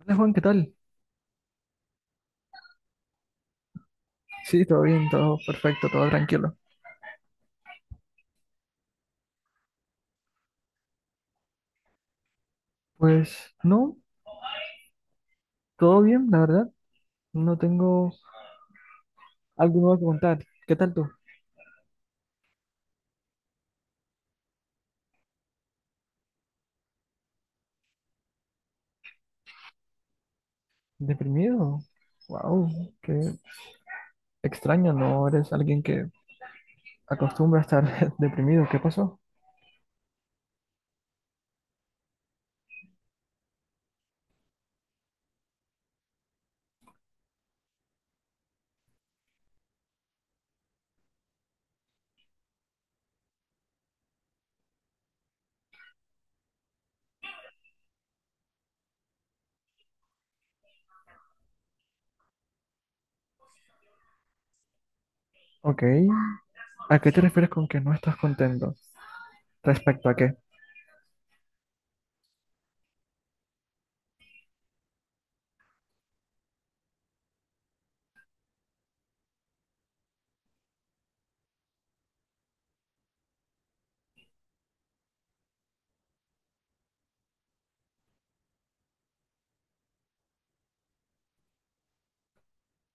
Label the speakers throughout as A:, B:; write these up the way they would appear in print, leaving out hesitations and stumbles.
A: Hola Juan, ¿qué tal? Sí, todo bien, todo perfecto, todo tranquilo. Pues no, todo bien, la verdad. No tengo algo nuevo que contar. ¿Qué tal tú? ¿Deprimido? Wow, qué extraño, no eres alguien que acostumbra a estar deprimido. ¿Qué pasó? Ok, ¿a qué te refieres con que no estás contento? ¿Respecto a qué?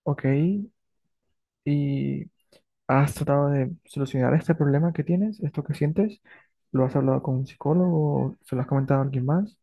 A: Ok, ¿y has tratado de solucionar este problema que tienes, esto que sientes? ¿Lo has hablado con un psicólogo? ¿Se lo has comentado a alguien más?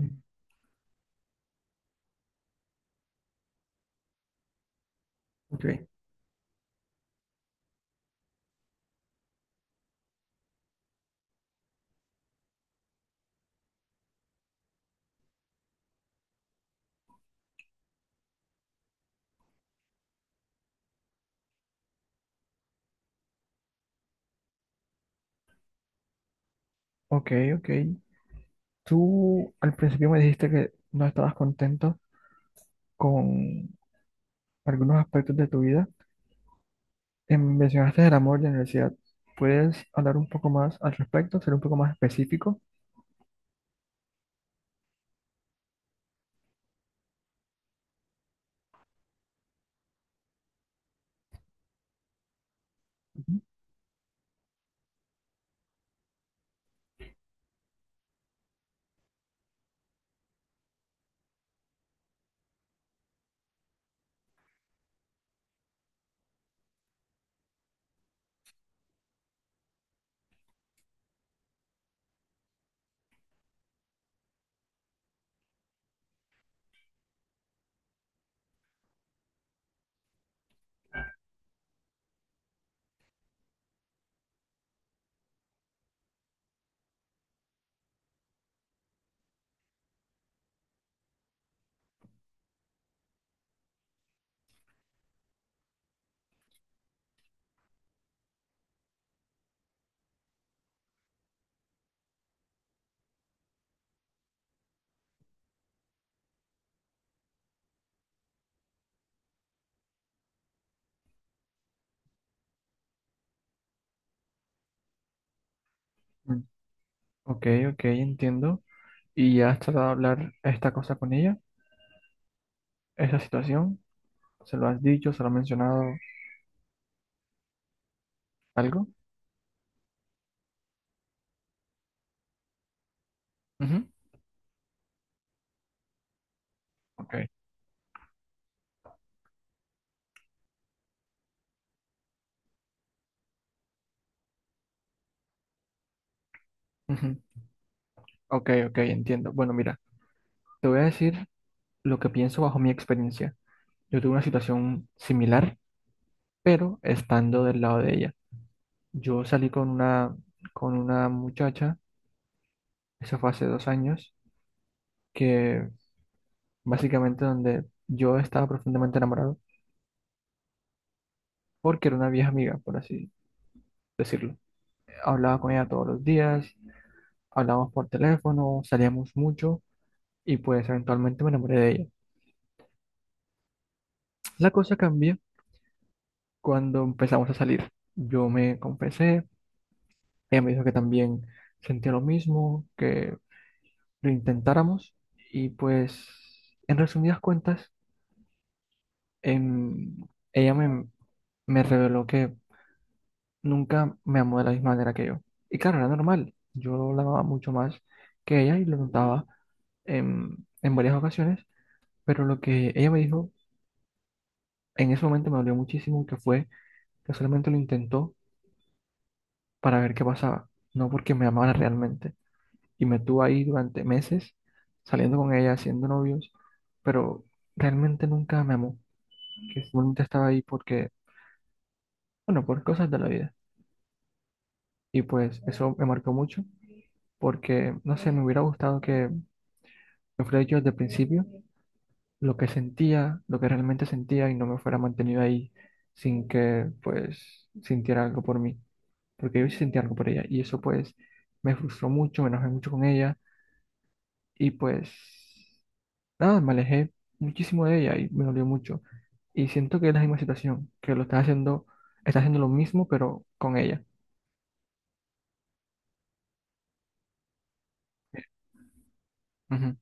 A: Mm, ok. Ok, ok. Tú al principio me dijiste que no estabas contento con algunos aspectos de tu vida. Mencionaste el amor y la universidad. ¿Puedes hablar un poco más al respecto? ¿Ser un poco más específico? Ujú. Mm. Ok, ok, entiendo. ¿Y ya has tratado de hablar esta cosa con ella? ¿Esta situación? ¿Se lo has dicho? ¿Se lo has mencionado algo? Ujú. Ok. Ujú. Ok, ok, entiendo. Bueno, mira, te voy a decir lo que pienso bajo mi experiencia. Yo tuve una situación similar, pero estando del lado de ella. Yo salí con una muchacha, eso fue hace 2 años, que básicamente donde yo estaba profundamente enamorado, porque era una vieja amiga, por así decirlo. Hablaba con ella todos los días, hablábamos por teléfono, salíamos mucho y pues eventualmente me enamoré de ella. La cosa cambió cuando empezamos a salir. Yo me confesé, ella me dijo que también sentía lo mismo, que lo intentáramos y pues en resumidas cuentas em, ella me reveló que nunca me amó de la misma manera que yo. Y claro, era normal, yo la amaba mucho más que ella y lo notaba en varias ocasiones, pero lo que ella me dijo en ese momento me dolió muchísimo, que fue que solamente lo intentó para ver qué pasaba, no porque me amara realmente. Y me tuvo ahí durante meses saliendo con ella, haciendo novios, pero realmente nunca me amó, que simplemente estaba ahí porque, bueno, por cosas de la vida. Y pues eso me marcó mucho porque, no sé, me hubiera gustado que me fuera dicho desde el principio lo que sentía, lo que realmente sentía y no me fuera mantenido ahí sin que, pues, sintiera algo por mí. Porque yo sí sentía algo por ella y eso, pues, me frustró mucho, me enojé mucho con ella y, pues, nada, me alejé muchísimo de ella y me dolió mucho. Y siento que es la misma situación, que lo estás haciendo lo mismo pero con ella. Ujú.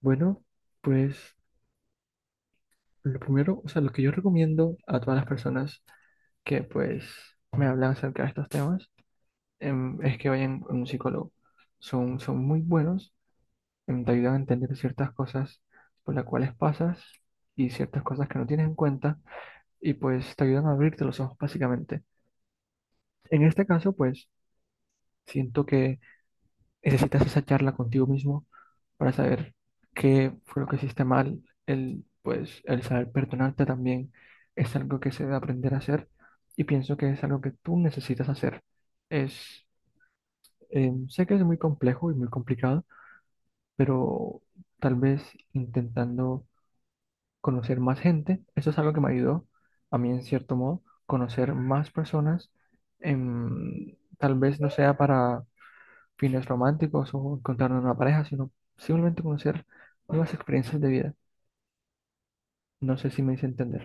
A: Bueno, pues lo primero, o sea, lo que yo recomiendo a todas las personas que pues me hablan acerca de estos temas es que vayan a un psicólogo. Son muy buenos, te ayudan a entender ciertas cosas por las cuales pasas y ciertas cosas que no tienes en cuenta y pues te ayudan a abrirte los ojos básicamente. En este caso, pues siento que necesitas esa charla contigo mismo para saber qué fue lo que hiciste mal. El, pues, el saber perdonarte también es algo que se debe aprender a hacer y pienso que es algo que tú necesitas hacer. Es, sé que es muy complejo y muy complicado, pero tal vez intentando conocer más gente, eso es algo que me ayudó a mí en cierto modo, conocer más personas, tal vez no sea para fines románticos o encontrar una pareja, sino simplemente conocer nuevas experiencias de vida. No sé si me hice entender.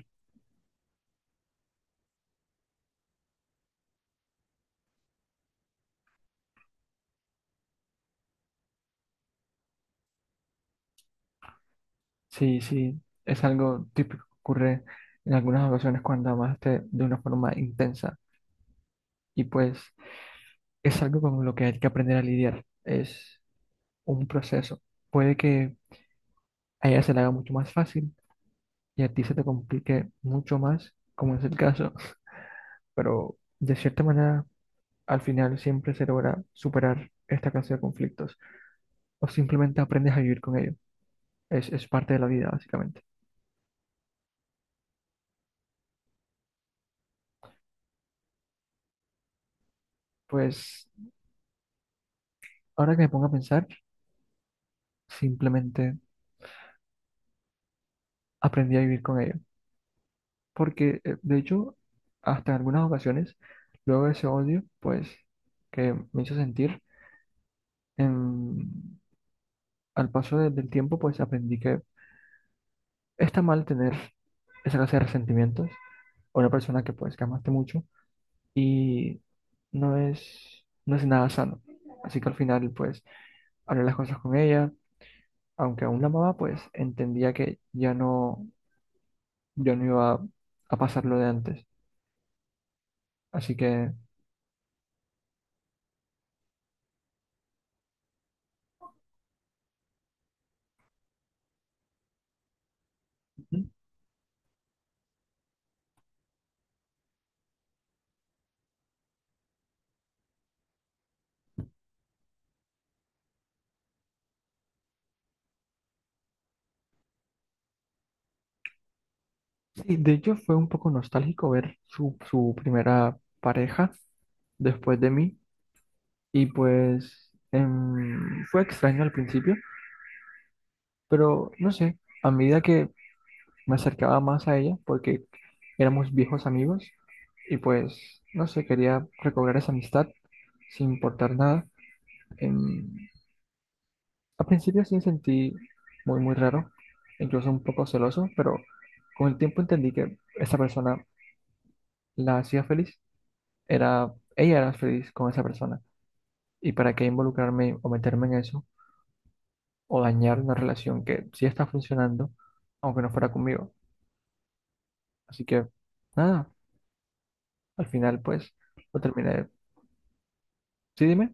A: Sí, sí, es algo típico que ocurre en algunas ocasiones cuando amaste de una forma intensa y pues es algo con lo que hay que aprender a lidiar. Es un proceso. Puede que a ella se le haga mucho más fácil y a ti se te complique mucho más, como es el caso, pero de cierta manera al final siempre se logra superar esta clase de conflictos, o simplemente aprendes a vivir con ello. Es parte de la vida, básicamente. Pues ahora que me pongo a pensar, simplemente aprendí a vivir con ello. Porque, de hecho, hasta en algunas ocasiones, luego de ese odio, pues, que me hizo sentir, em, al paso del tiempo, pues aprendí que está mal tener esa clase de resentimientos a una persona que, pues, que amaste mucho y no es nada sano. Así que al final, pues, hablé las cosas con ella aunque aún la amaba, pues entendía que ya no iba a pasar lo de antes. Así que ujú. Sí, de hecho fue un poco nostálgico ver su primera pareja después de mí y pues fue extraño al principio, pero no sé, a medida que me acercaba más a ella, porque éramos viejos amigos y pues no sé, quería recobrar esa amistad sin importar nada. em, Al principio sí me sentí muy, muy raro, incluso un poco celoso, pero con el tiempo entendí que esa persona la hacía feliz. Ella era feliz con esa persona. ¿Y para qué involucrarme o meterme en eso o dañar una relación que sí está funcionando, aunque no fuera conmigo? Así que nada, al final pues lo terminé. Sí, dime.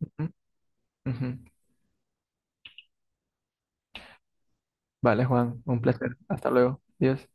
A: Ujú, ujú. Vale, Juan, un placer. Hasta luego. Adiós.